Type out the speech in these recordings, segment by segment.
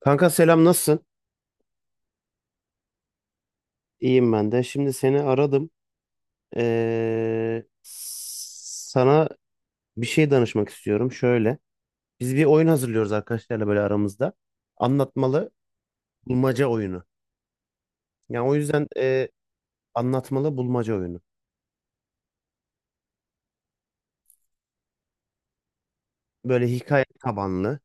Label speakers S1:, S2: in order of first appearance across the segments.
S1: Kanka selam nasılsın? İyiyim ben de. Şimdi seni aradım. Sana bir şey danışmak istiyorum. Şöyle. Biz bir oyun hazırlıyoruz arkadaşlarla böyle aramızda. Anlatmalı bulmaca oyunu. Yani o yüzden anlatmalı bulmaca oyunu. Böyle hikaye tabanlı.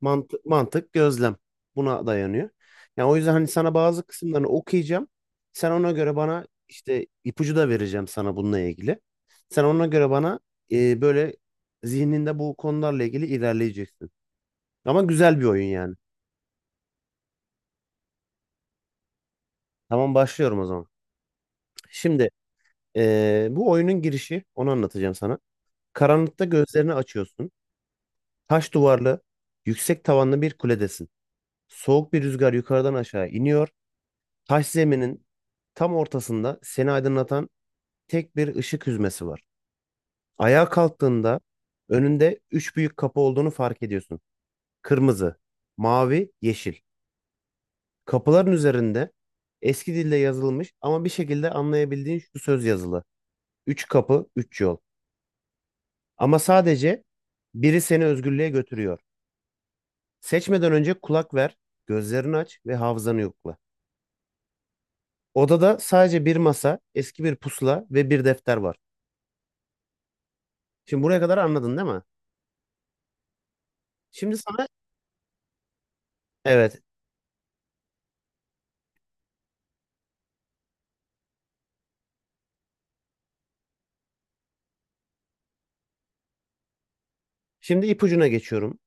S1: Mantık, gözlem buna dayanıyor. Yani o yüzden hani sana bazı kısımlarını okuyacağım. Sen ona göre bana işte ipucu da vereceğim sana bununla ilgili. Sen ona göre bana böyle zihninde bu konularla ilgili ilerleyeceksin. Ama güzel bir oyun yani. Tamam başlıyorum o zaman. Şimdi bu oyunun girişi onu anlatacağım sana. Karanlıkta gözlerini açıyorsun. Taş duvarlı, yüksek tavanlı bir kuledesin. Soğuk bir rüzgar yukarıdan aşağı iniyor. Taş zeminin tam ortasında seni aydınlatan tek bir ışık hüzmesi var. Ayağa kalktığında önünde üç büyük kapı olduğunu fark ediyorsun. Kırmızı, mavi, yeşil. Kapıların üzerinde eski dille yazılmış ama bir şekilde anlayabildiğin şu söz yazılı. Üç kapı, üç yol. Ama sadece biri seni özgürlüğe götürüyor. Seçmeden önce kulak ver, gözlerini aç ve hafızanı yokla. Odada sadece bir masa, eski bir pusula ve bir defter var. Şimdi buraya kadar anladın değil mi? Şimdi sana evet. Şimdi ipucuna geçiyorum.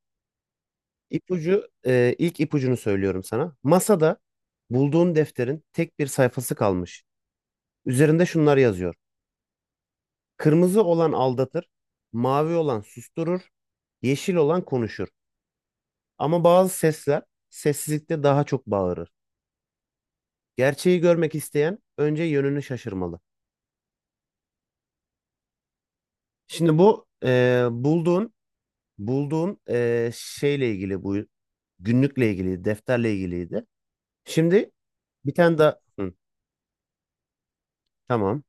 S1: İpucu ilk ipucunu söylüyorum sana. Masada bulduğun defterin tek bir sayfası kalmış. Üzerinde şunlar yazıyor. Kırmızı olan aldatır, mavi olan susturur, yeşil olan konuşur. Ama bazı sesler sessizlikte daha çok bağırır. Gerçeği görmek isteyen önce yönünü şaşırmalı. Şimdi bu bulduğun şeyle ilgili, bu günlükle ilgili, defterle ilgiliydi. Şimdi bir tane daha. Hı, tamam.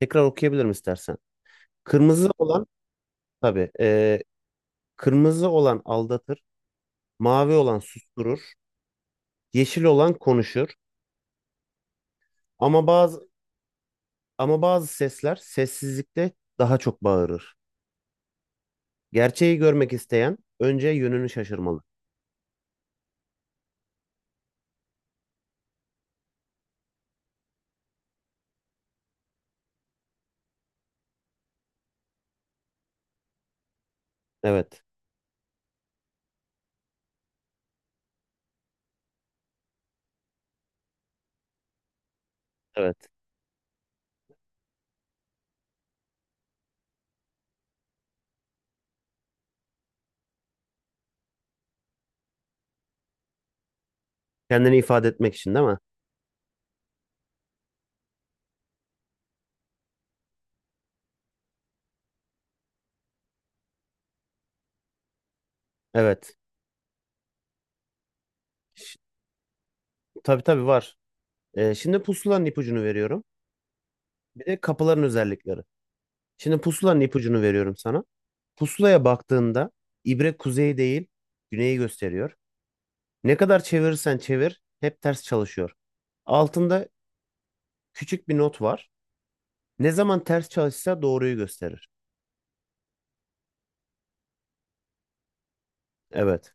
S1: Tekrar okuyabilirim istersen. Kırmızı olan tabii. Kırmızı olan aldatır. Mavi olan susturur. Yeşil olan konuşur. Ama bazı Ama bazı sesler sessizlikte daha çok bağırır. Gerçeği görmek isteyen önce yönünü şaşırmalı. Evet. Evet. Kendini ifade etmek için değil mi? Evet. Ş- Tabii tabii var. E, şimdi pusulanın ipucunu veriyorum. Bir de kapıların özellikleri. Şimdi pusulanın ipucunu veriyorum sana. Pusulaya baktığında ibre kuzey değil güneyi gösteriyor. Ne kadar çevirirsen çevir hep ters çalışıyor. Altında küçük bir not var. Ne zaman ters çalışsa doğruyu gösterir. Evet,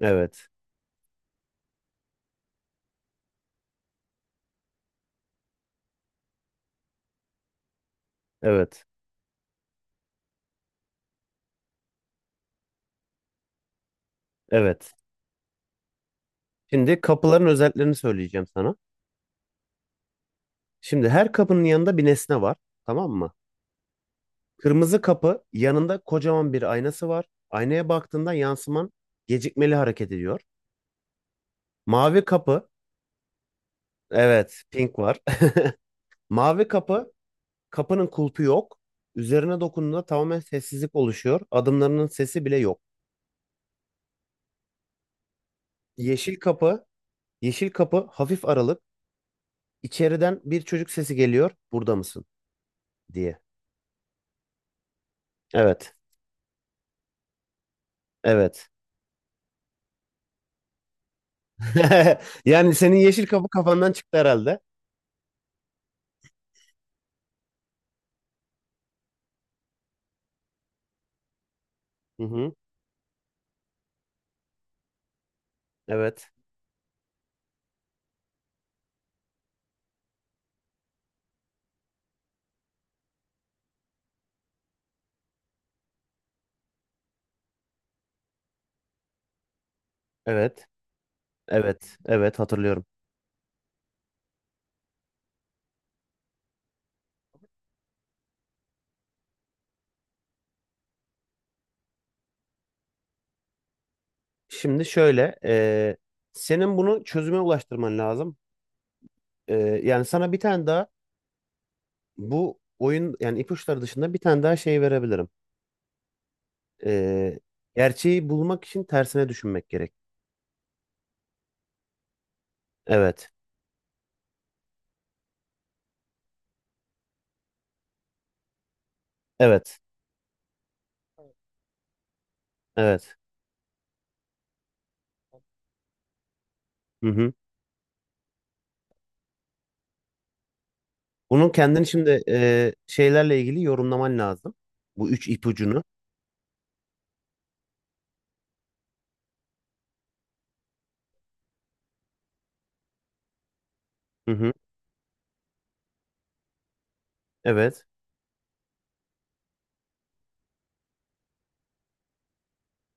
S1: evet, evet, evet. Şimdi kapıların özelliklerini söyleyeceğim sana. Şimdi her kapının yanında bir nesne var, tamam mı? Kırmızı kapı yanında kocaman bir aynası var. Aynaya baktığında yansıman gecikmeli hareket ediyor. Mavi kapı, evet, pink var. Mavi kapı, kapının kulpu yok. Üzerine dokunduğunda tamamen sessizlik oluşuyor. Adımlarının sesi bile yok. Yeşil kapı, yeşil kapı hafif aralık. İçeriden bir çocuk sesi geliyor. Burada mısın? Diye. Evet. Evet. Yani senin yeşil kapı kafandan çıktı herhalde. Hı hı. Evet. Evet. Evet. Evet hatırlıyorum. Şimdi şöyle, senin bunu çözüme ulaştırman lazım. Yani sana bir tane daha bu oyun yani ipuçları dışında bir tane daha şey verebilirim. Ee, gerçeği bulmak için tersine düşünmek gerek. Evet. Evet. Evet. Hı hı. Bunun kendini şimdi şeylerle ilgili yorumlaman lazım. Bu üç ipucunu. Hı hı. Evet.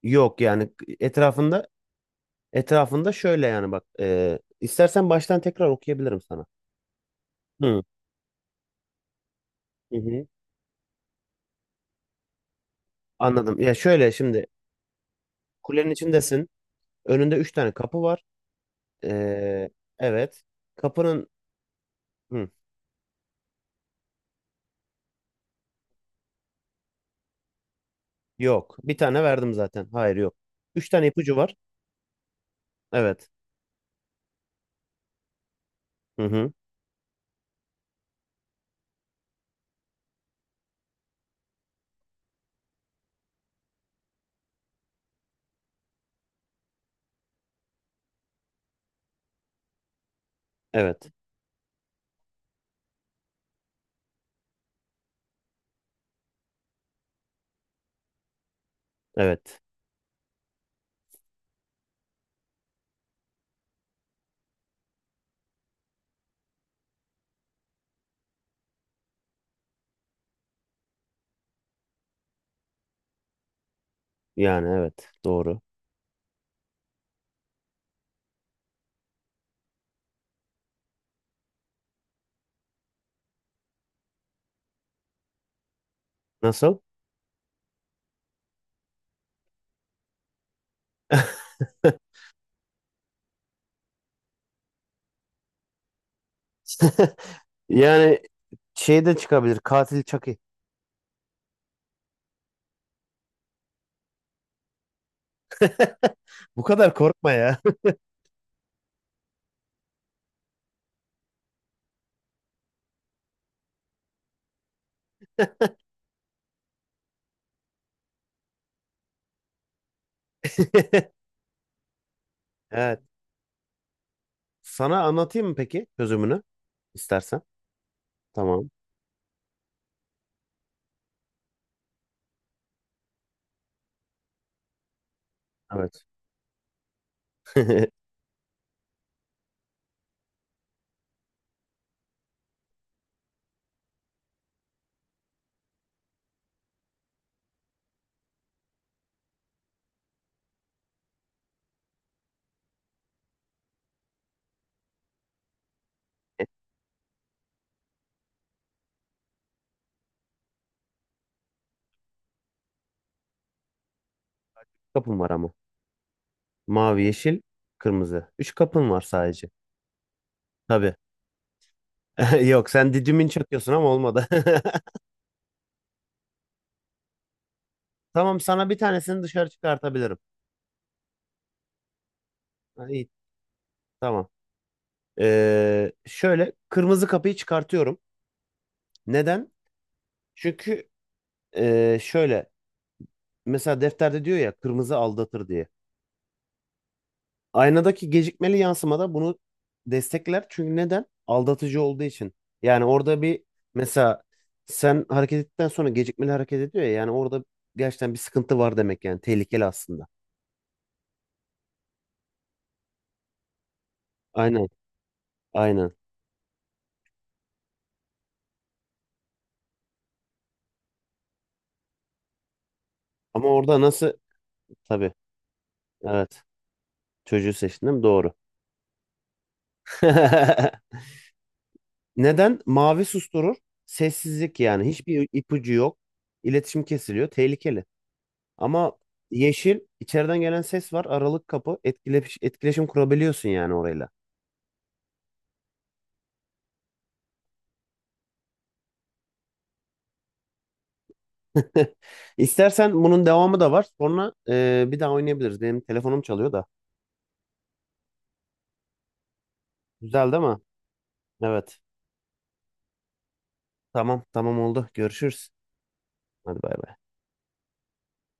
S1: Yok yani etrafında etrafında şöyle yani bak istersen baştan tekrar okuyabilirim sana. Hı. Hı hı. Anladım. Ya şöyle şimdi kulenin içindesin. Önünde üç tane kapı var. Ee, evet. Kapının hı, yok. Bir tane verdim zaten. Hayır yok. Üç tane ipucu var. Evet. Hı hı. Evet. Evet. Yani evet. Doğru. Nasıl? Yani şey de çıkabilir. Katil Chucky. Bu kadar korkma ya. Evet. Sana anlatayım mı peki çözümünü? İstersen. Tamam. Evet. Kapım var ama. Mavi, yeşil, kırmızı. Üç kapın var sadece. Tabii. Yok sen didimin çakıyorsun ama olmadı. Tamam sana bir tanesini dışarı çıkartabilirim. Ha, İyi tamam. Şöyle kırmızı kapıyı çıkartıyorum. Neden? Çünkü şöyle mesela defterde diyor ya kırmızı aldatır diye. Aynadaki gecikmeli yansımada bunu destekler. Çünkü neden? Aldatıcı olduğu için. Yani orada bir mesela sen hareket ettikten sonra gecikmeli hareket ediyor ya. Yani orada gerçekten bir sıkıntı var demek yani. Tehlikeli aslında. Aynen. Aynen. Ama orada nasıl? Tabii. Evet. Çocuğu seçtim değil mi? Doğru. Neden? Mavi susturur. Sessizlik yani. Hiçbir ipucu yok. İletişim kesiliyor. Tehlikeli. Ama yeşil içeriden gelen ses var. Aralık kapı. Etkileş, etkileşim kurabiliyorsun yani orayla. İstersen bunun devamı da var. Sonra bir daha oynayabiliriz. Benim telefonum çalıyor da. Güzel değil mi? Evet. Tamam tamam oldu. Görüşürüz. Hadi bay bay.